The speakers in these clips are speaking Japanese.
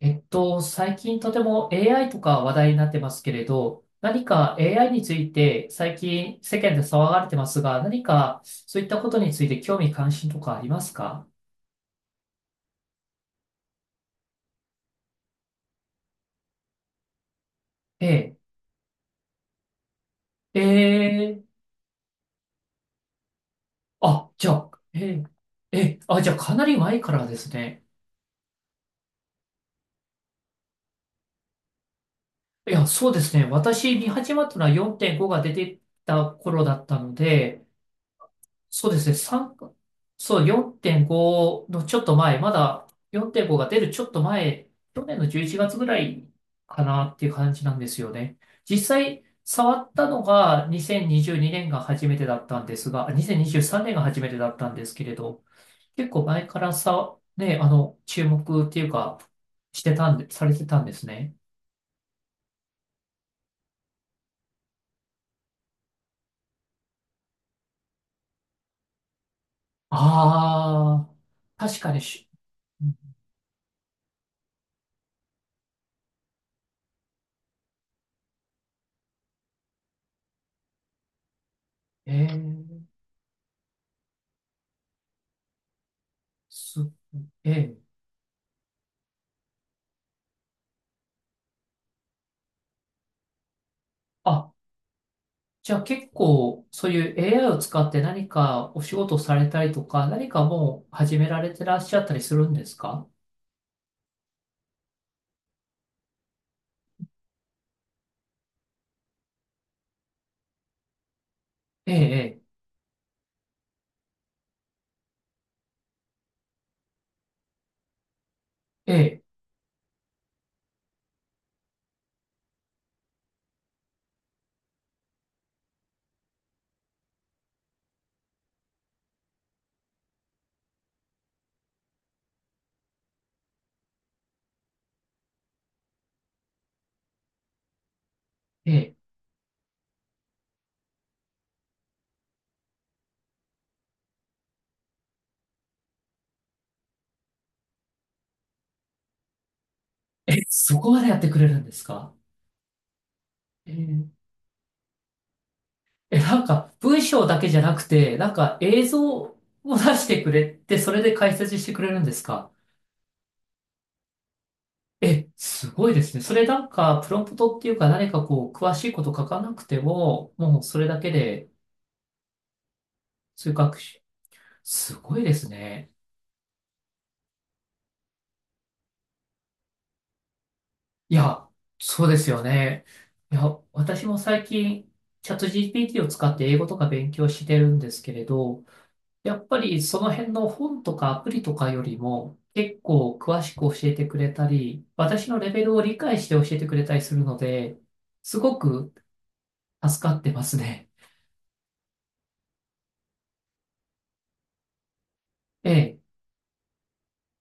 最近とても AI とか話題になってますけれど、何か AI について最近世間で騒がれてますが、何かそういったことについて興味関心とかありますか？ええ、ええ、あ、じゃあ、ええ、ええ、あ、じゃあかなり前からですね。いや、そうですね。私見始まったのは4.5が出てた頃だったので、そうですね、3、そう、4.5のちょっと前、まだ4.5が出るちょっと前、去年の11月ぐらいかなっていう感じなんですよね。実際、触ったのが2022年が初めてだったんですが、あ、2023年が初めてだったんですけれど、結構前からさ、ね、あの、注目っていうか、してたんで、されてたんですね。ああ、確かにえー、す、えー、あ、じゃあ結構そういう AI を使って何かお仕事されたりとか、何かもう始められてらっしゃったりするんですか？ええ、ええ、ええ、ええ、そこまでやってくれるんですか？ええ、え、なんか文章だけじゃなくて、なんか映像を出してくれて、それで解説してくれるんですか？え、すごいですね。それなんかプロンプトっていうか何かこう詳しいこと書かなくても、もうそれだけでそういう学習、すごいですね。いや、そうですよね。いや、私も最近、チャット GPT を使って英語とか勉強してるんですけれど、やっぱりその辺の本とかアプリとかよりも結構詳しく教えてくれたり、私のレベルを理解して教えてくれたりするので、すごく助かってますね。ええ。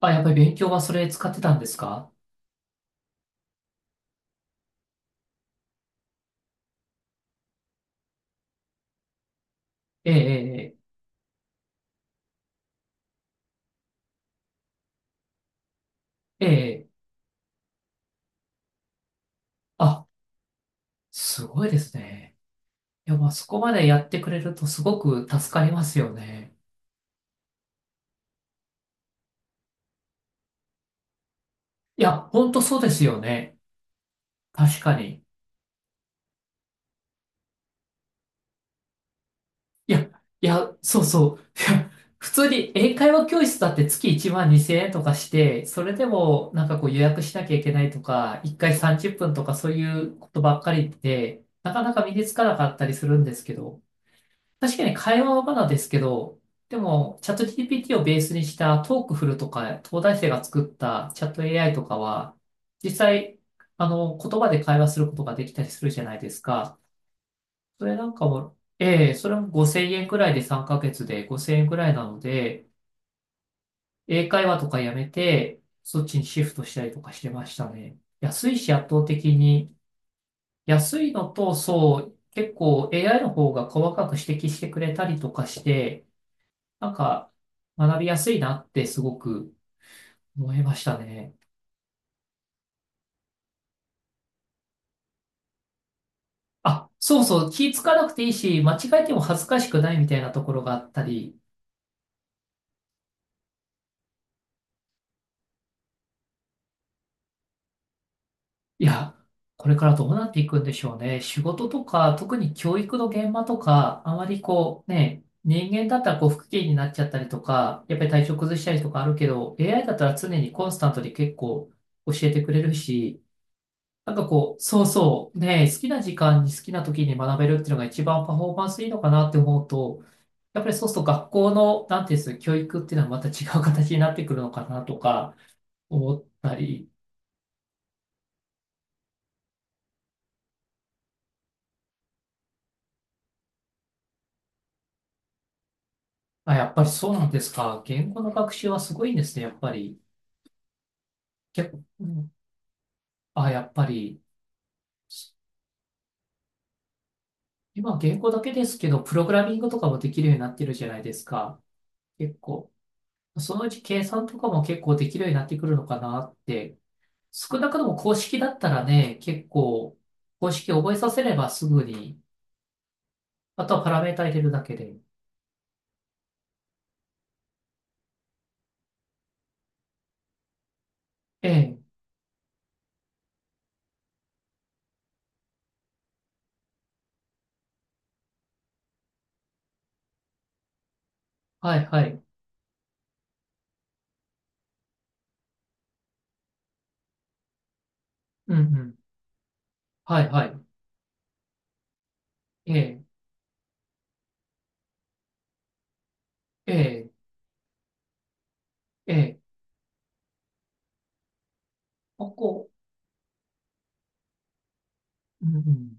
あ、やっぱり勉強はそれ使ってたんですか？ええ、ええ、ええ。ええ、あ、すごいですね。いや、まあそこまでやってくれるとすごく助かりますよね。いや、ほんとそうですよね。確かに。いや、いや、そうそう。いや、普通に英会話教室だって月1万2000円とかして、それでもなんかこう予約しなきゃいけないとか、1回30分とかそういうことばっかりで、なかなか身につかなかったりするんですけど、確かに会話はまだですけど、でも、チャット GPT をベースにしたトークフルとか、東大生が作ったチャット AI とかは、実際、あの、言葉で会話することができたりするじゃないですか。それなんかも、ええ、それも5000円くらいで3ヶ月で5000円くらいなので、英会話とかやめて、そっちにシフトしたりとかしてましたね。安いし圧倒的に。安いのと、そう、結構 AI の方が細かく指摘してくれたりとかして、なんか学びやすいなってすごく思いましたね。あ、そうそう、気ぃつかなくていいし、間違えても恥ずかしくないみたいなところがあったり、いや、これからどうなっていくんでしょうね。仕事とか、特に教育の現場とか、あまりこうね、人間だったらこう不機嫌になっちゃったりとか、やっぱり体調崩したりとかあるけど、AI だったら常にコンスタントに結構教えてくれるし、なんかこう、そうそう、ね、好きな時間に好きな時に学べるっていうのが一番パフォーマンスいいのかなって思うと、やっぱりそうすると学校の、なんていうんですか、教育っていうのはまた違う形になってくるのかなとか思ったり。あ、やっぱりそうなんですか。言語の学習はすごいんですね、やっぱり。結構、うん、あ、やっぱり、今言語だけですけど、プログラミングとかもできるようになってるじゃないですか。結構。そのうち計算とかも結構できるようになってくるのかなって。少なくとも公式だったらね、結構、公式覚えさせればすぐに、あとはパラメータ入れるだけで。ええ、はいはい。うんうん。はいはい。ええ、ええ、ええ。ここ、うんうん。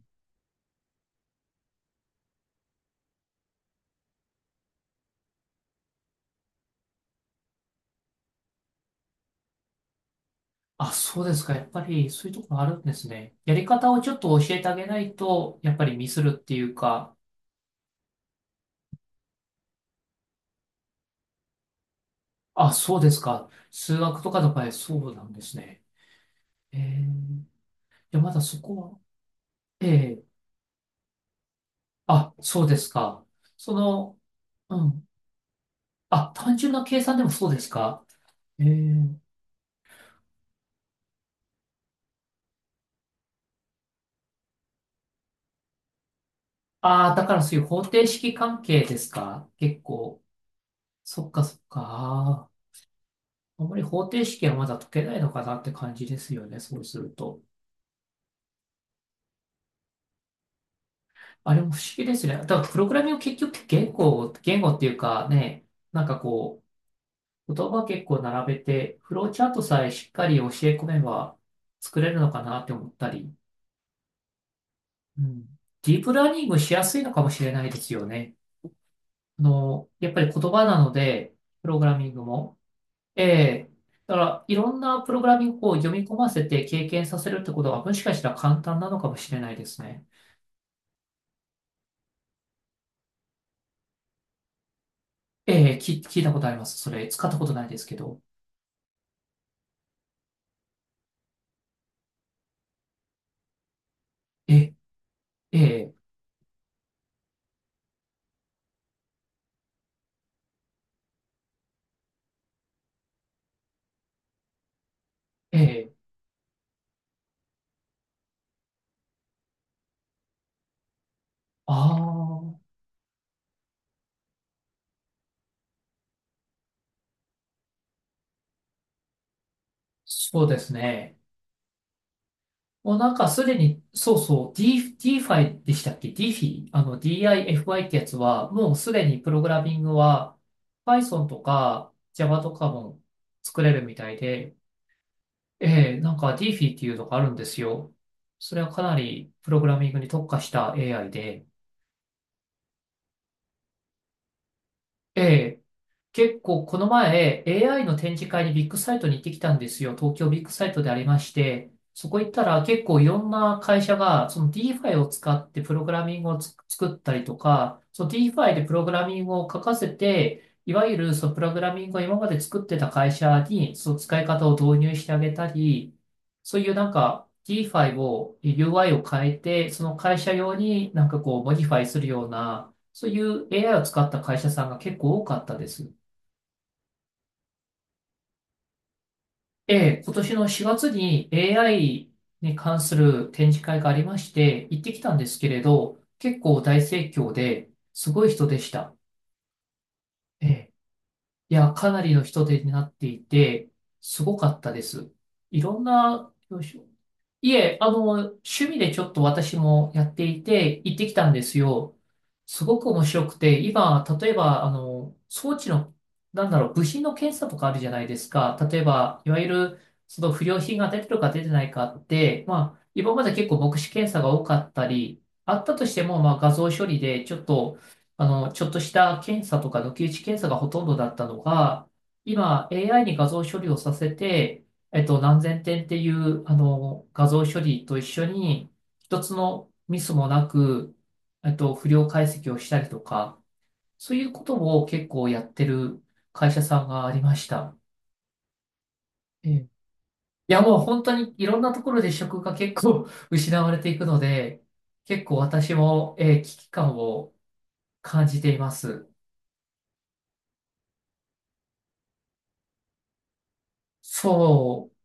あ、そうですか。やっぱりそういうところあるんですね。やり方をちょっと教えてあげないと、やっぱりミスるっていうか、あ、そうですか。数学とかの場合、そうなんですね。えー、じゃあまだそこは、ええ、あ、そうですか。その、うん。あ、単純な計算でもそうですか。えー、ああ、だからそういう方程式関係ですか。結構。そっかそっか。あー、あんまり方程式はまだ解けないのかなって感じですよね。そうすると。あれも不思議ですね。だからプログラミング結局って言語っていうかね、なんかこう、言葉結構並べて、フローチャートさえしっかり教え込めば作れるのかなって思ったり、うん。ディープラーニングしやすいのかもしれないですよね。やっぱり言葉なので、プログラミングも。ええ。だから、いろんなプログラミングを読み込ませて経験させるってことは、もしかしたら簡単なのかもしれないですね。ええ、聞いたことあります。それ、使ったことないですけど。え、ええ。ええ、ああ、そうですね。もうなんかすでに、そうそう、DeFi でしたっけ？ DeFi？ あの DIFI ってやつは、もうすでにプログラミングは Python とか Java とかも作れるみたいで、ええ、なんか DeFi っていうのがあるんですよ。それはかなりプログラミングに特化した AI で、え結構この前 AI の展示会にビッグサイトに行ってきたんですよ。東京ビッグサイトでありまして、そこ行ったら結構いろんな会社がその DeFi を使ってプログラミングを作ったりとか、その DeFi でプログラミングを書かせて、いわゆるそのプログラミングを今まで作ってた会社にその使い方を導入してあげたり、そういうなんか DeFi を UI を変えて、その会社用になんかこうモディファイするような、そういう AI を使った会社さんが結構多かったです。ええ、今年の4月に AI に関する展示会がありまして、行ってきたんですけれど、結構大盛況で、すごい人でした。ええ、いや、かなりの人手になっていて、すごかったです。いろんな、よいしょ。いえ、趣味でちょっと私もやっていて、行ってきたんですよ。すごく面白くて、今、例えば、装置の、なんだろう、部品の検査とかあるじゃないですか。例えば、いわゆる、その不良品が出てるか出てないかって、まあ、今まで結構目視検査が多かったり、あったとしても、まあ、画像処理で、ちょっと、ちょっとした検査とか抜き打ち検査がほとんどだったのが、今 AI に画像処理をさせて、何千点っていう、画像処理と一緒に、一つのミスもなく、不良解析をしたりとか、そういうことを結構やってる会社さんがありました。ええ、いや、もう本当にいろんなところで職が結構 失われていくので、結構私も、危機感を感じています。そう。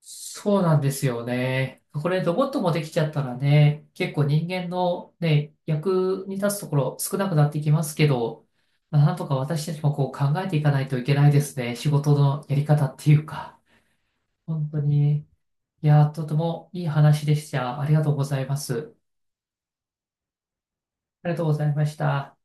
そうなんですよね。これロボットもできちゃったらね、結構人間のね、役に立つところ少なくなってきますけど、まあなんとか私たちもこう考えていかないといけないですね。仕事のやり方っていうか。本当に、いやー、とてもいい話でした。ありがとうございます。ありがとうございました。